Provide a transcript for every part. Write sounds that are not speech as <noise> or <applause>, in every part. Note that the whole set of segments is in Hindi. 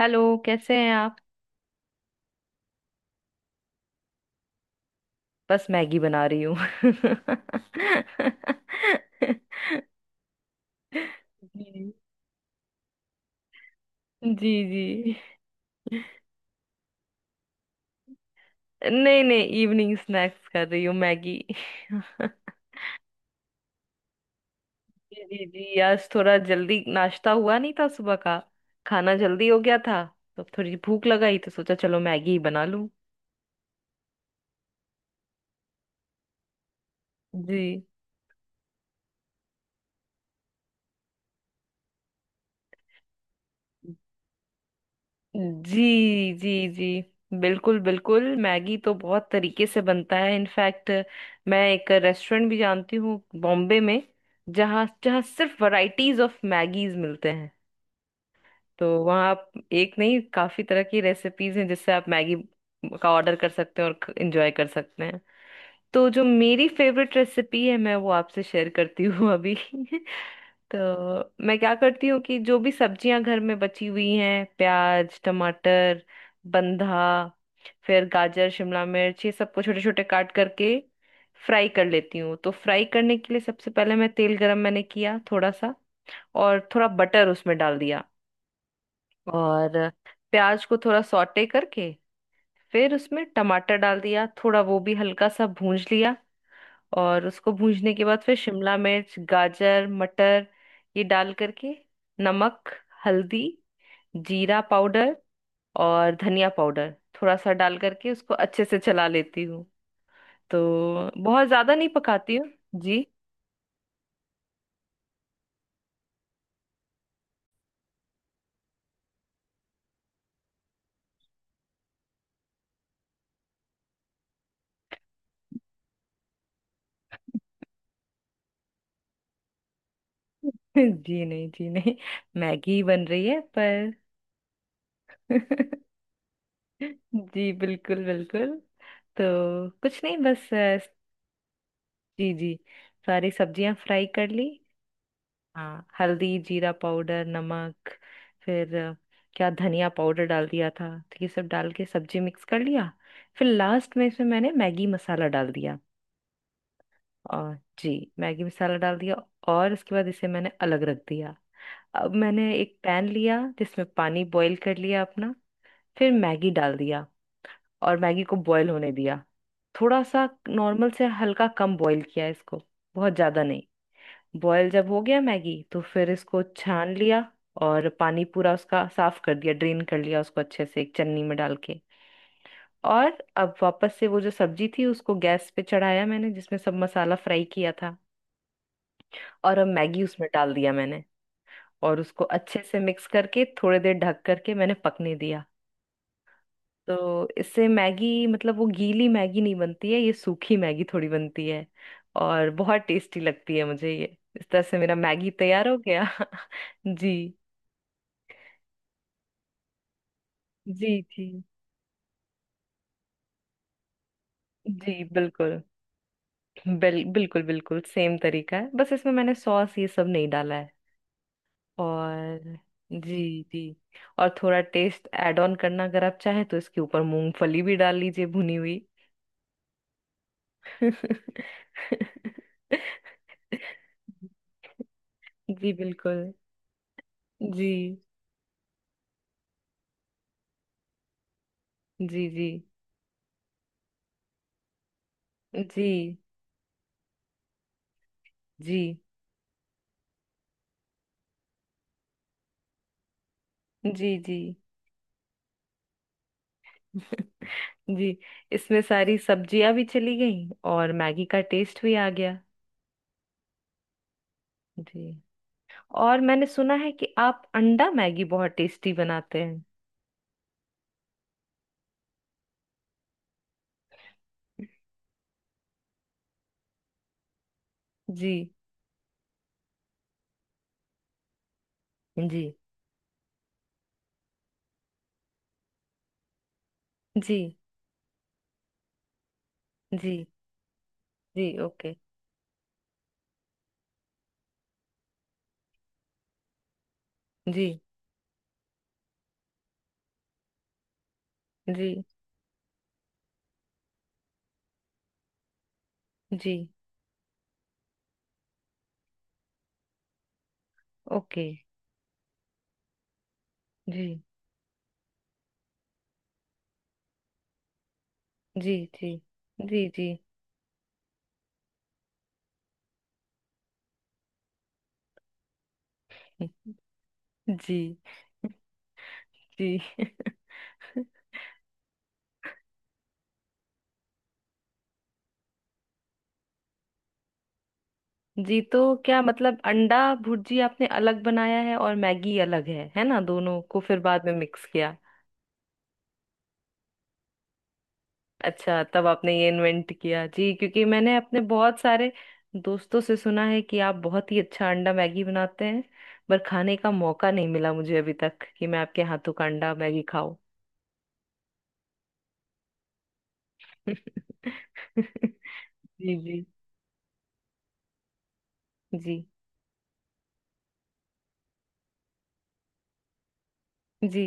हेलो। कैसे हैं आप? बस मैगी बना रही हूँ। <laughs> जी। जी जी। नहीं नहीं, इवनिंग स्नैक्स कर रही हूँ मैगी। <laughs> जी जी जी। <laughs> आज थोड़ा जल्दी नाश्ता हुआ नहीं था, सुबह का खाना जल्दी हो गया था, तो अब थोड़ी भूख लगाई तो सोचा चलो मैगी ही बना लूँ। जी जी जी जी। बिल्कुल बिल्कुल, मैगी तो बहुत तरीके से बनता है। इनफैक्ट मैं एक रेस्टोरेंट भी जानती हूँ बॉम्बे में जहाँ जहाँ सिर्फ वैरायटीज ऑफ मैगीज मिलते हैं। तो वहाँ आप एक नहीं काफी तरह की रेसिपीज हैं जिससे आप मैगी का ऑर्डर कर सकते हैं और एंजॉय कर सकते हैं। तो जो मेरी फेवरेट रेसिपी है मैं वो आपसे शेयर करती हूँ अभी। <laughs> तो मैं क्या करती हूँ कि जो भी सब्जियां घर में बची हुई हैं, प्याज, टमाटर, बंधा, फिर गाजर, शिमला मिर्च, ये सबको छोटे छोटे काट करके फ्राई कर लेती हूँ। तो फ्राई करने के लिए सबसे पहले मैं तेल गरम मैंने किया थोड़ा सा, और थोड़ा बटर उसमें डाल दिया, और प्याज को थोड़ा सॉटे करके फिर उसमें टमाटर डाल दिया, थोड़ा वो भी हल्का सा भूंज लिया, और उसको भूनने के बाद फिर शिमला मिर्च, गाजर, मटर ये डाल करके नमक, हल्दी, जीरा पाउडर और धनिया पाउडर थोड़ा सा डाल करके उसको अच्छे से चला लेती हूँ। तो बहुत ज्यादा नहीं पकाती हूँ। जी। <laughs> जी नहीं, जी नहीं, मैगी ही बन रही है, पर <laughs> जी बिल्कुल बिल्कुल। तो कुछ नहीं, बस जी जी, सारी सब्जियां फ्राई कर ली। हाँ, हल्दी, जीरा पाउडर, नमक, फिर क्या धनिया पाउडर डाल दिया था, तो ये सब डाल के सब्जी मिक्स कर लिया। फिर लास्ट में इसमें मैंने मैगी मसाला डाल दिया, और जी, मैगी मसाला डाल दिया, और इसके बाद इसे मैंने अलग रख दिया। अब मैंने एक पैन लिया जिसमें पानी बॉईल कर लिया अपना, फिर मैगी डाल दिया और मैगी को बॉईल होने दिया। थोड़ा सा नॉर्मल से हल्का कम बॉईल किया इसको, बहुत ज्यादा नहीं। बॉयल जब हो गया मैगी तो फिर इसको छान लिया, और पानी पूरा उसका साफ कर दिया, ड्रेन कर लिया उसको अच्छे से एक चन्नी में डाल के। और अब वापस से वो जो सब्जी थी उसको गैस पे चढ़ाया मैंने जिसमें सब मसाला फ्राई किया था, और अब मैगी उसमें डाल दिया मैंने, और उसको अच्छे से मिक्स करके थोड़ी देर ढक करके मैंने पकने दिया। तो इससे मैगी मतलब वो गीली मैगी नहीं बनती है, ये सूखी मैगी थोड़ी बनती है, और बहुत टेस्टी लगती है मुझे ये। इस तरह से मेरा मैगी तैयार हो गया। <laughs> जी जी जी जी बिल्कुल, बिल्कुल बिल्कुल सेम तरीका है, बस इसमें मैंने सॉस ये सब नहीं डाला है। और जी जी, और थोड़ा टेस्ट ऐड ऑन करना अगर आप चाहें तो इसके ऊपर मूंगफली भी डाल लीजिए भुनी हुई। <laughs> जी बिल्कुल। जी। जी जी जी जी जी जी। <laughs> जी, इसमें सारी सब्जियां भी चली गई और मैगी का टेस्ट भी आ गया। जी। और मैंने सुना है कि आप अंडा मैगी बहुत टेस्टी बनाते हैं। जी। जी। जी जी जी ओके। जी जी जी ओके। जी जी जी जी जी। <laughs> जी जी। <laughs> जी। तो क्या मतलब, अंडा भुर्जी आपने अलग बनाया है और मैगी अलग है ना, दोनों को फिर बाद में मिक्स किया? अच्छा, तब आपने ये इन्वेंट किया जी, क्योंकि मैंने अपने बहुत सारे दोस्तों से सुना है कि आप बहुत ही अच्छा अंडा मैगी बनाते हैं, पर खाने का मौका नहीं मिला मुझे अभी तक कि मैं आपके हाथों का अंडा मैगी खाऊं। <laughs> जी जी। जी जी।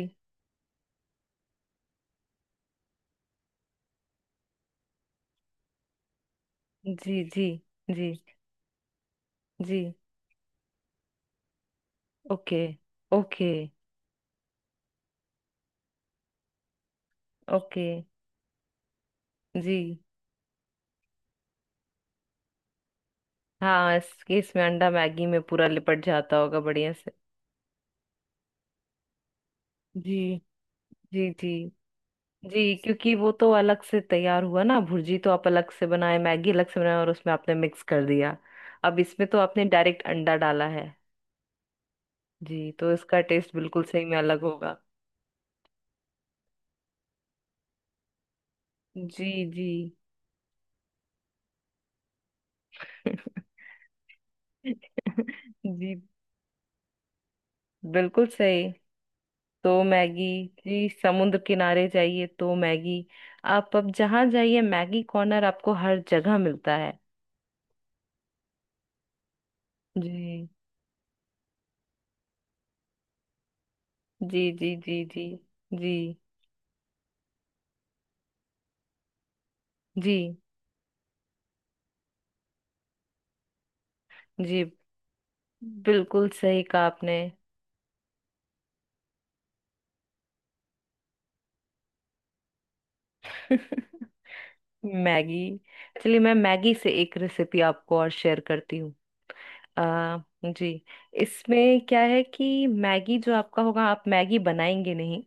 जी जी। जी जी ओके। Okay okay. जी। हाँ, इस केस में अंडा मैगी में पूरा लिपट जाता होगा बढ़िया से। जी जी। जी जी, क्योंकि वो तो अलग से तैयार हुआ ना भुर्जी, तो आप अलग से बनाए, मैगी अलग से बनाए, और उसमें आपने मिक्स कर दिया। अब इसमें तो आपने डायरेक्ट अंडा डाला है। जी, तो इसका टेस्ट बिल्कुल सही में अलग होगा। जी। जी। <laughs> जी बिल्कुल सही। तो मैगी, जी, समुद्र किनारे जाइए तो मैगी, आप अब जहाँ जाइए मैगी कॉर्नर आपको हर जगह मिलता है। जी जी जी जी। जी। जी जी जी। बिल्कुल सही कहा आपने। मैगी। चलिए, मैं मैगी से एक रेसिपी आपको और शेयर करती हूँ। आ, जी, इसमें क्या है कि मैगी जो आपका होगा, आप मैगी बनाएंगे नहीं,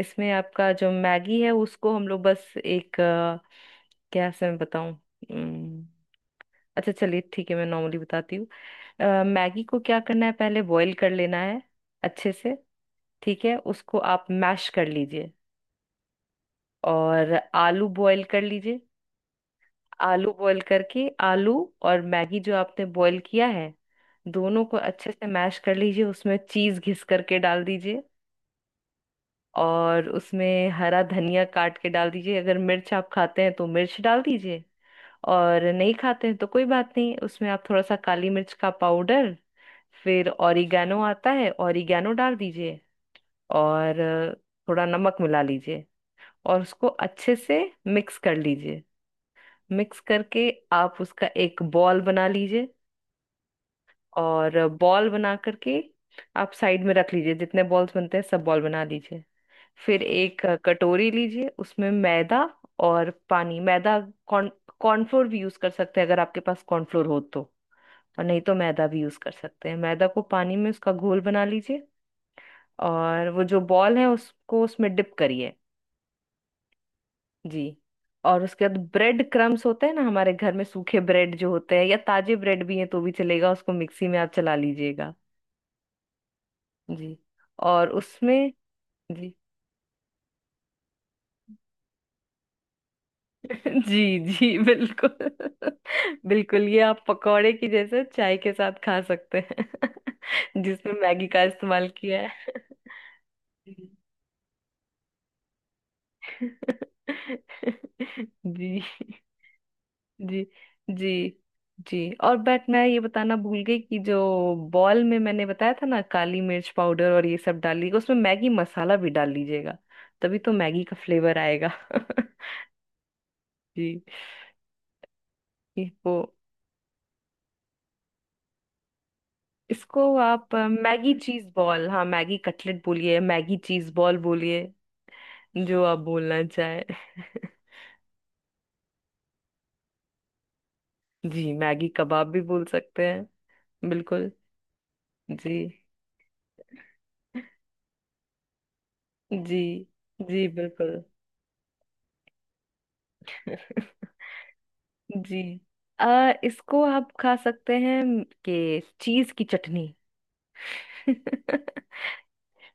इसमें आपका जो मैगी है उसको हम लोग बस एक क्या से मैं बताऊं? उम्म, अच्छा चलिए, ठीक है, मैं नॉर्मली बताती हूँ। मैगी को क्या करना है, पहले बॉईल कर लेना है अच्छे से। ठीक है, उसको आप मैश कर लीजिए, और आलू बॉईल कर लीजिए। आलू बॉईल करके आलू और मैगी जो आपने बॉईल किया है, दोनों को अच्छे से मैश कर लीजिए, उसमें चीज घिस करके डाल दीजिए, और उसमें हरा धनिया काट के डाल दीजिए, अगर मिर्च आप खाते हैं तो मिर्च डाल दीजिए, और नहीं खाते हैं तो कोई बात नहीं, उसमें आप थोड़ा सा काली मिर्च का पाउडर, फिर ऑरिगेनो आता है, ऑरिगेनो डाल दीजिए, और थोड़ा नमक मिला लीजिए, और उसको अच्छे से मिक्स कर लीजिए। मिक्स करके आप उसका एक बॉल बना लीजिए, और बॉल बना करके आप साइड में रख लीजिए। जितने बॉल्स बनते हैं सब बॉल बना लीजिए। फिर एक कटोरी लीजिए, उसमें मैदा और पानी, मैदा, कॉर्न, कॉर्नफ्लोर भी यूज कर सकते हैं अगर आपके पास कॉर्नफ्लोर हो तो, और नहीं तो मैदा भी यूज कर सकते हैं। मैदा को पानी में उसका घोल बना लीजिए, और वो जो बॉल है उसको उसमें डिप करिए। जी, और उसके बाद ब्रेड क्रम्स होते हैं ना, हमारे घर में सूखे ब्रेड जो होते हैं या ताजे ब्रेड भी हैं तो भी चलेगा, उसको मिक्सी में आप चला लीजिएगा। जी, और उसमें जी <laughs> जी जी बिल्कुल। <laughs> बिल्कुल, ये आप पकौड़े की जैसे चाय के साथ खा सकते हैं, <laughs> जिसमें मैगी का इस्तेमाल किया है। <laughs> जी। <laughs> जी जी। जी, और बट मैं ये बताना भूल गई कि जो बॉल में मैंने बताया था ना, काली मिर्च पाउडर और ये सब डाल लीजिएगा, उसमें मैगी मसाला भी डाल लीजिएगा, तभी तो मैगी का फ्लेवर आएगा। <laughs> जी। जी, वो, इसको आप मैगी चीज बॉल, हाँ, मैगी कटलेट बोलिए, मैगी चीज बॉल बोलिए, जो आप बोलना चाहे। <laughs> जी, मैगी कबाब भी बोल सकते हैं। बिल्कुल। जी जी। जी बिल्कुल। जी। अ, इसको आप खा सकते हैं कि चीज की चटनी। <laughs>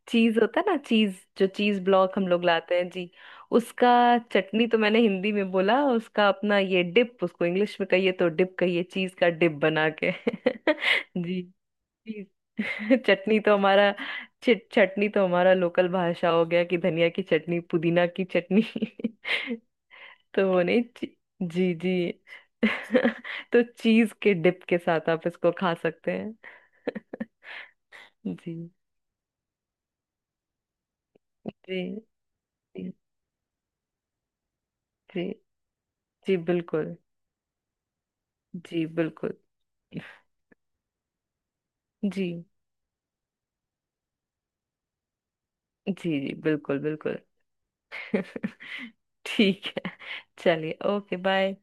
चीज होता है ना, चीज, जो चीज ब्लॉक हम लोग लाते हैं जी, उसका चटनी, तो मैंने हिंदी में बोला, उसका अपना ये डिप, उसको इंग्लिश में कहिए तो डिप कहिए, चीज का डिप बना के। <laughs> जी। जी। चटनी तो हमारा, चिट चटनी तो हमारा लोकल भाषा हो गया कि धनिया की चटनी, पुदीना की चटनी। <laughs> तो वो नहीं जी जी। <laughs> तो चीज के डिप के साथ आप इसको खा सकते हैं। <laughs> जी। जी जी। जी जी बिल्कुल। जी बिल्कुल। जी जी जी बिल्कुल बिल्कुल। <laughs> ठीक है, चलिए, ओके, बाय।